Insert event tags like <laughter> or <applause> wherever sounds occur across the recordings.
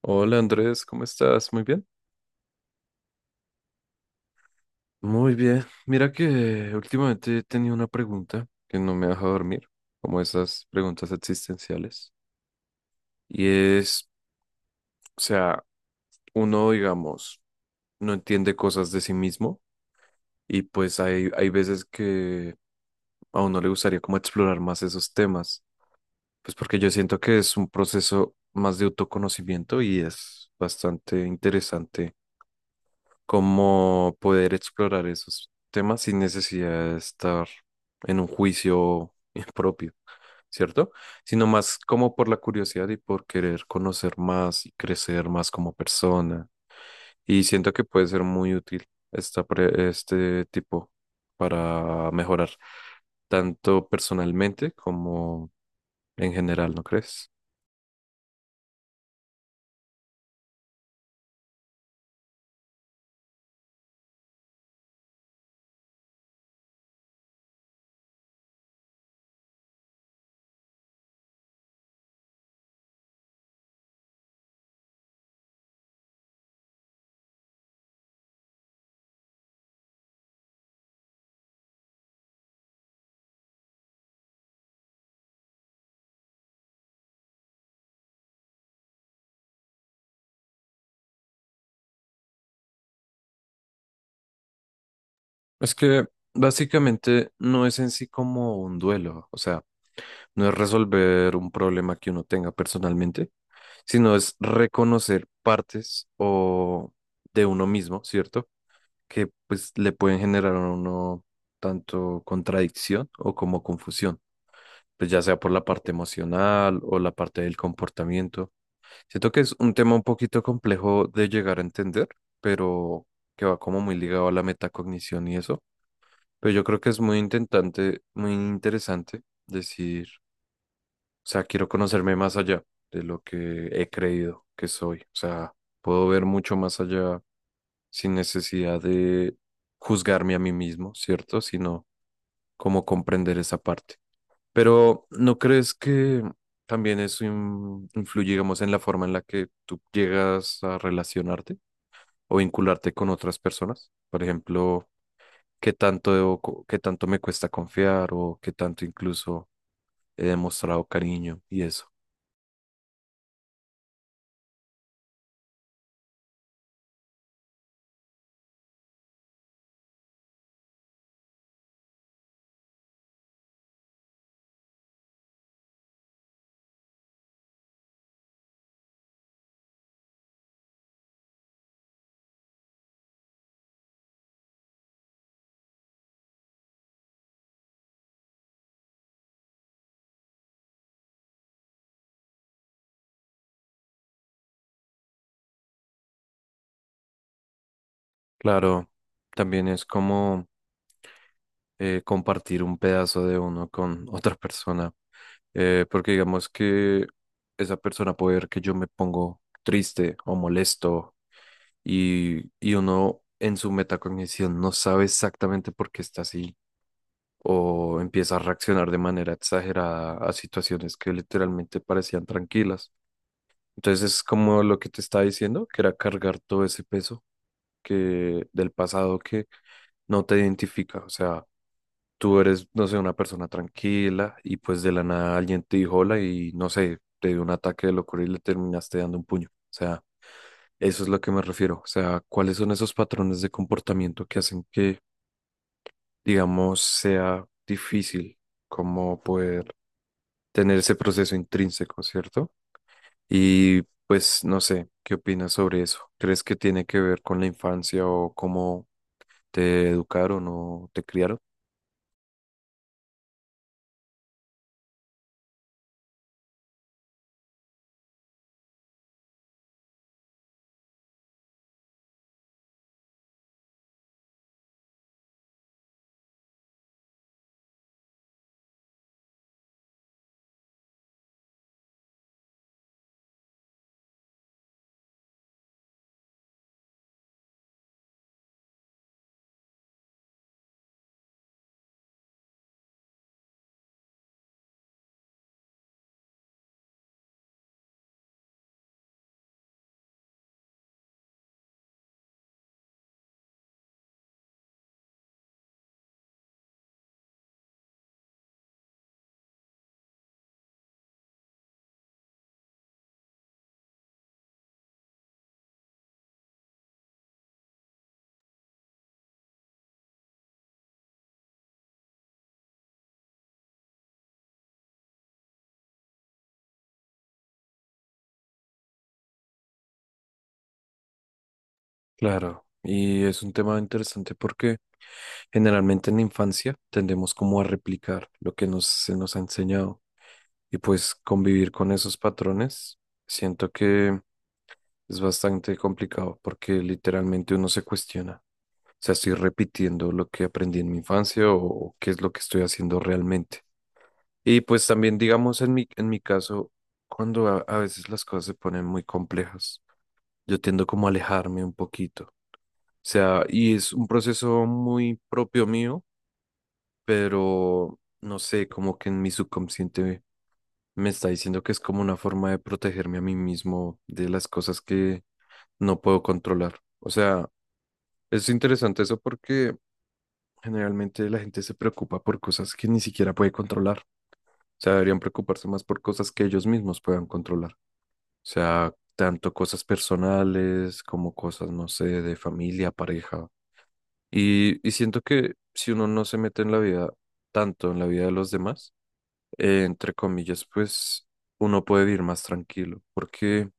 Hola Andrés, ¿cómo estás? Muy bien. Muy bien. Mira que últimamente he tenido una pregunta que no me deja dormir, como esas preguntas existenciales. Y es, o sea, uno, digamos, no entiende cosas de sí mismo y pues hay veces que a uno le gustaría como explorar más esos temas, pues porque yo siento que es un proceso más de autoconocimiento y es bastante interesante como poder explorar esos temas sin necesidad de estar en un juicio <laughs> propio, ¿cierto? Sino más como por la curiosidad y por querer conocer más y crecer más como persona. Y siento que puede ser muy útil este tipo para mejorar tanto personalmente como en general, ¿no crees? Es que básicamente no es en sí como un duelo, o sea, no es resolver un problema que uno tenga personalmente, sino es reconocer partes o de uno mismo, ¿cierto? Que pues le pueden generar a uno tanto contradicción o como confusión, pues ya sea por la parte emocional o la parte del comportamiento. Siento que es un tema un poquito complejo de llegar a entender, pero que va como muy ligado a la metacognición y eso. Pero yo creo que es muy interesante decir, o sea, quiero conocerme más allá de lo que he creído que soy. O sea, puedo ver mucho más allá sin necesidad de juzgarme a mí mismo, ¿cierto? Sino cómo comprender esa parte. Pero ¿no crees que también eso influye, digamos, en la forma en la que tú llegas a relacionarte o vincularte con otras personas? Por ejemplo, ¿qué tanto qué tanto me cuesta confiar o qué tanto incluso he demostrado cariño y eso? Claro, también es como compartir un pedazo de uno con otra persona, porque digamos que esa persona puede ver que yo me pongo triste o molesto y uno en su metacognición no sabe exactamente por qué está así o empieza a reaccionar de manera exagerada a situaciones que literalmente parecían tranquilas. Entonces es como lo que te estaba diciendo, que era cargar todo ese peso que del pasado que no te identifica, o sea, tú eres, no sé, una persona tranquila y pues de la nada alguien te dijo hola y no sé, te dio un ataque de locura y le terminaste dando un puño. O sea, eso es lo que me refiero. O sea, ¿cuáles son esos patrones de comportamiento que hacen que, digamos, sea difícil como poder tener ese proceso intrínseco, ¿cierto? Y pues no sé, ¿qué opinas sobre eso? ¿Crees que tiene que ver con la infancia o cómo te educaron o te criaron? Claro, y es un tema interesante porque generalmente en la infancia tendemos como a replicar lo que nos, se nos ha enseñado y pues convivir con esos patrones siento que es bastante complicado porque literalmente uno se cuestiona, o sea, estoy repitiendo lo que aprendí en mi infancia o qué es lo que estoy haciendo realmente. Y pues también digamos en mi caso, cuando a veces las cosas se ponen muy complejas, yo tiendo como a alejarme un poquito, o sea, y es un proceso muy propio mío, pero no sé, como que en mi subconsciente me está diciendo que es como una forma de protegerme a mí mismo de las cosas que no puedo controlar. O sea, es interesante eso porque generalmente la gente se preocupa por cosas que ni siquiera puede controlar. O sea, deberían preocuparse más por cosas que ellos mismos puedan controlar. O sea, tanto cosas personales como cosas, no sé, de familia, pareja. Y siento que si uno no se mete en la vida tanto, en la vida de los demás, entre comillas, pues uno puede vivir más tranquilo, porque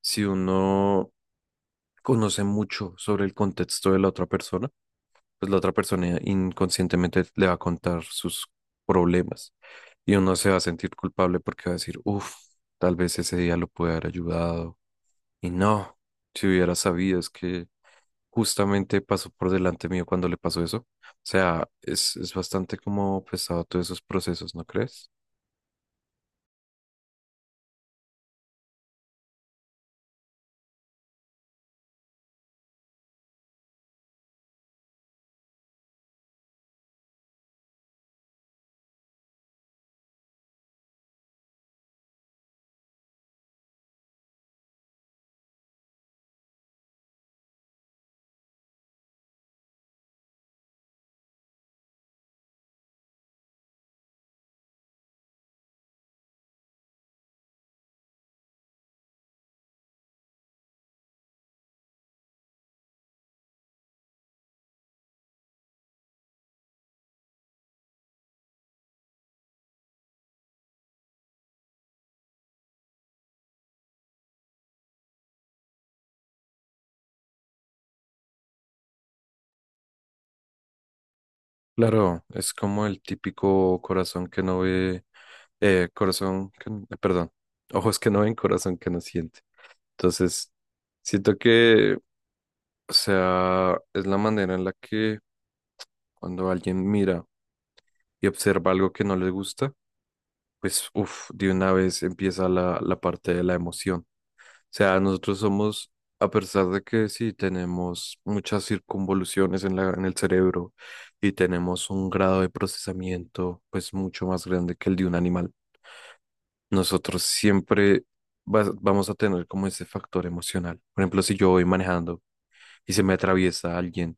si uno conoce mucho sobre el contexto de la otra persona, pues la otra persona inconscientemente le va a contar sus problemas y uno se va a sentir culpable porque va a decir, uff, tal vez ese día lo pude haber ayudado y no, si hubiera sabido, es que justamente pasó por delante mío cuando le pasó eso. O sea, es bastante como pesado todos esos procesos, ¿no crees? Claro, es como el típico corazón que no ve, perdón, <laughs> ojos que no ven, corazón que no siente. Entonces, siento que, o sea, es la manera en la que cuando alguien mira y observa algo que no le gusta, pues, uff, de una vez empieza la parte de la emoción. Sea, nosotros somos, a pesar de que sí tenemos muchas circunvoluciones en en el cerebro y tenemos un grado de procesamiento pues mucho más grande que el de un animal, nosotros siempre vamos a tener como ese factor emocional. Por ejemplo, si yo voy manejando y se me atraviesa alguien,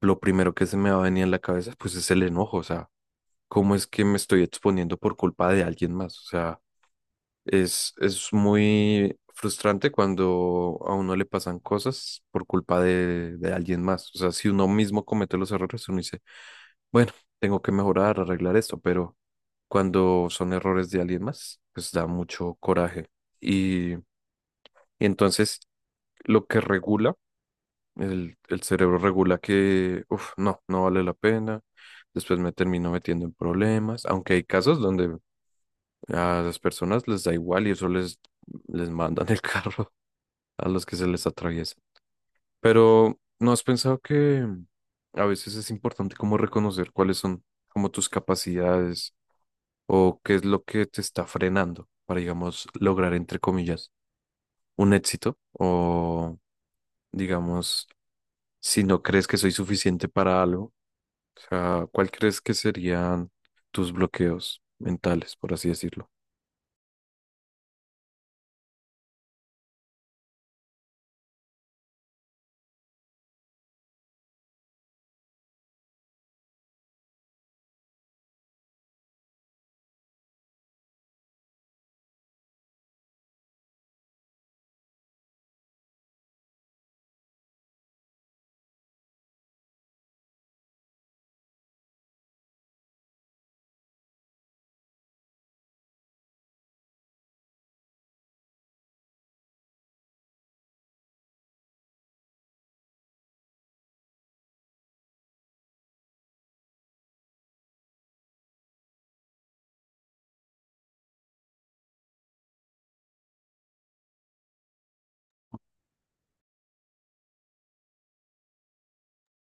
lo primero que se me va a venir en la cabeza pues es el enojo, o sea, ¿cómo es que me estoy exponiendo por culpa de alguien más? O sea... es muy frustrante cuando a uno le pasan cosas por culpa de alguien más. O sea, si uno mismo comete los errores, uno dice, bueno, tengo que mejorar, arreglar esto, pero cuando son errores de alguien más, pues da mucho coraje. Y entonces lo que regula, el cerebro regula que, uff, no, no vale la pena. Después me termino metiendo en problemas, aunque hay casos donde a las personas les da igual y eso les mandan el carro <laughs> a los que se les atraviesa. Pero ¿no has pensado que a veces es importante como reconocer cuáles son como tus capacidades o qué es lo que te está frenando para, digamos, lograr, entre comillas, un éxito? O, digamos, si no crees que soy suficiente para algo, o sea, ¿cuál crees que serían tus bloqueos mentales, por así decirlo?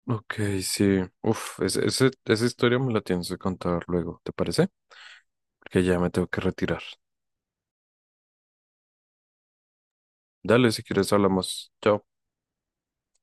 Ok, sí. Uf, esa historia me la tienes que contar luego, ¿te parece? Que ya me tengo que retirar. Dale, si quieres hablamos. Chao.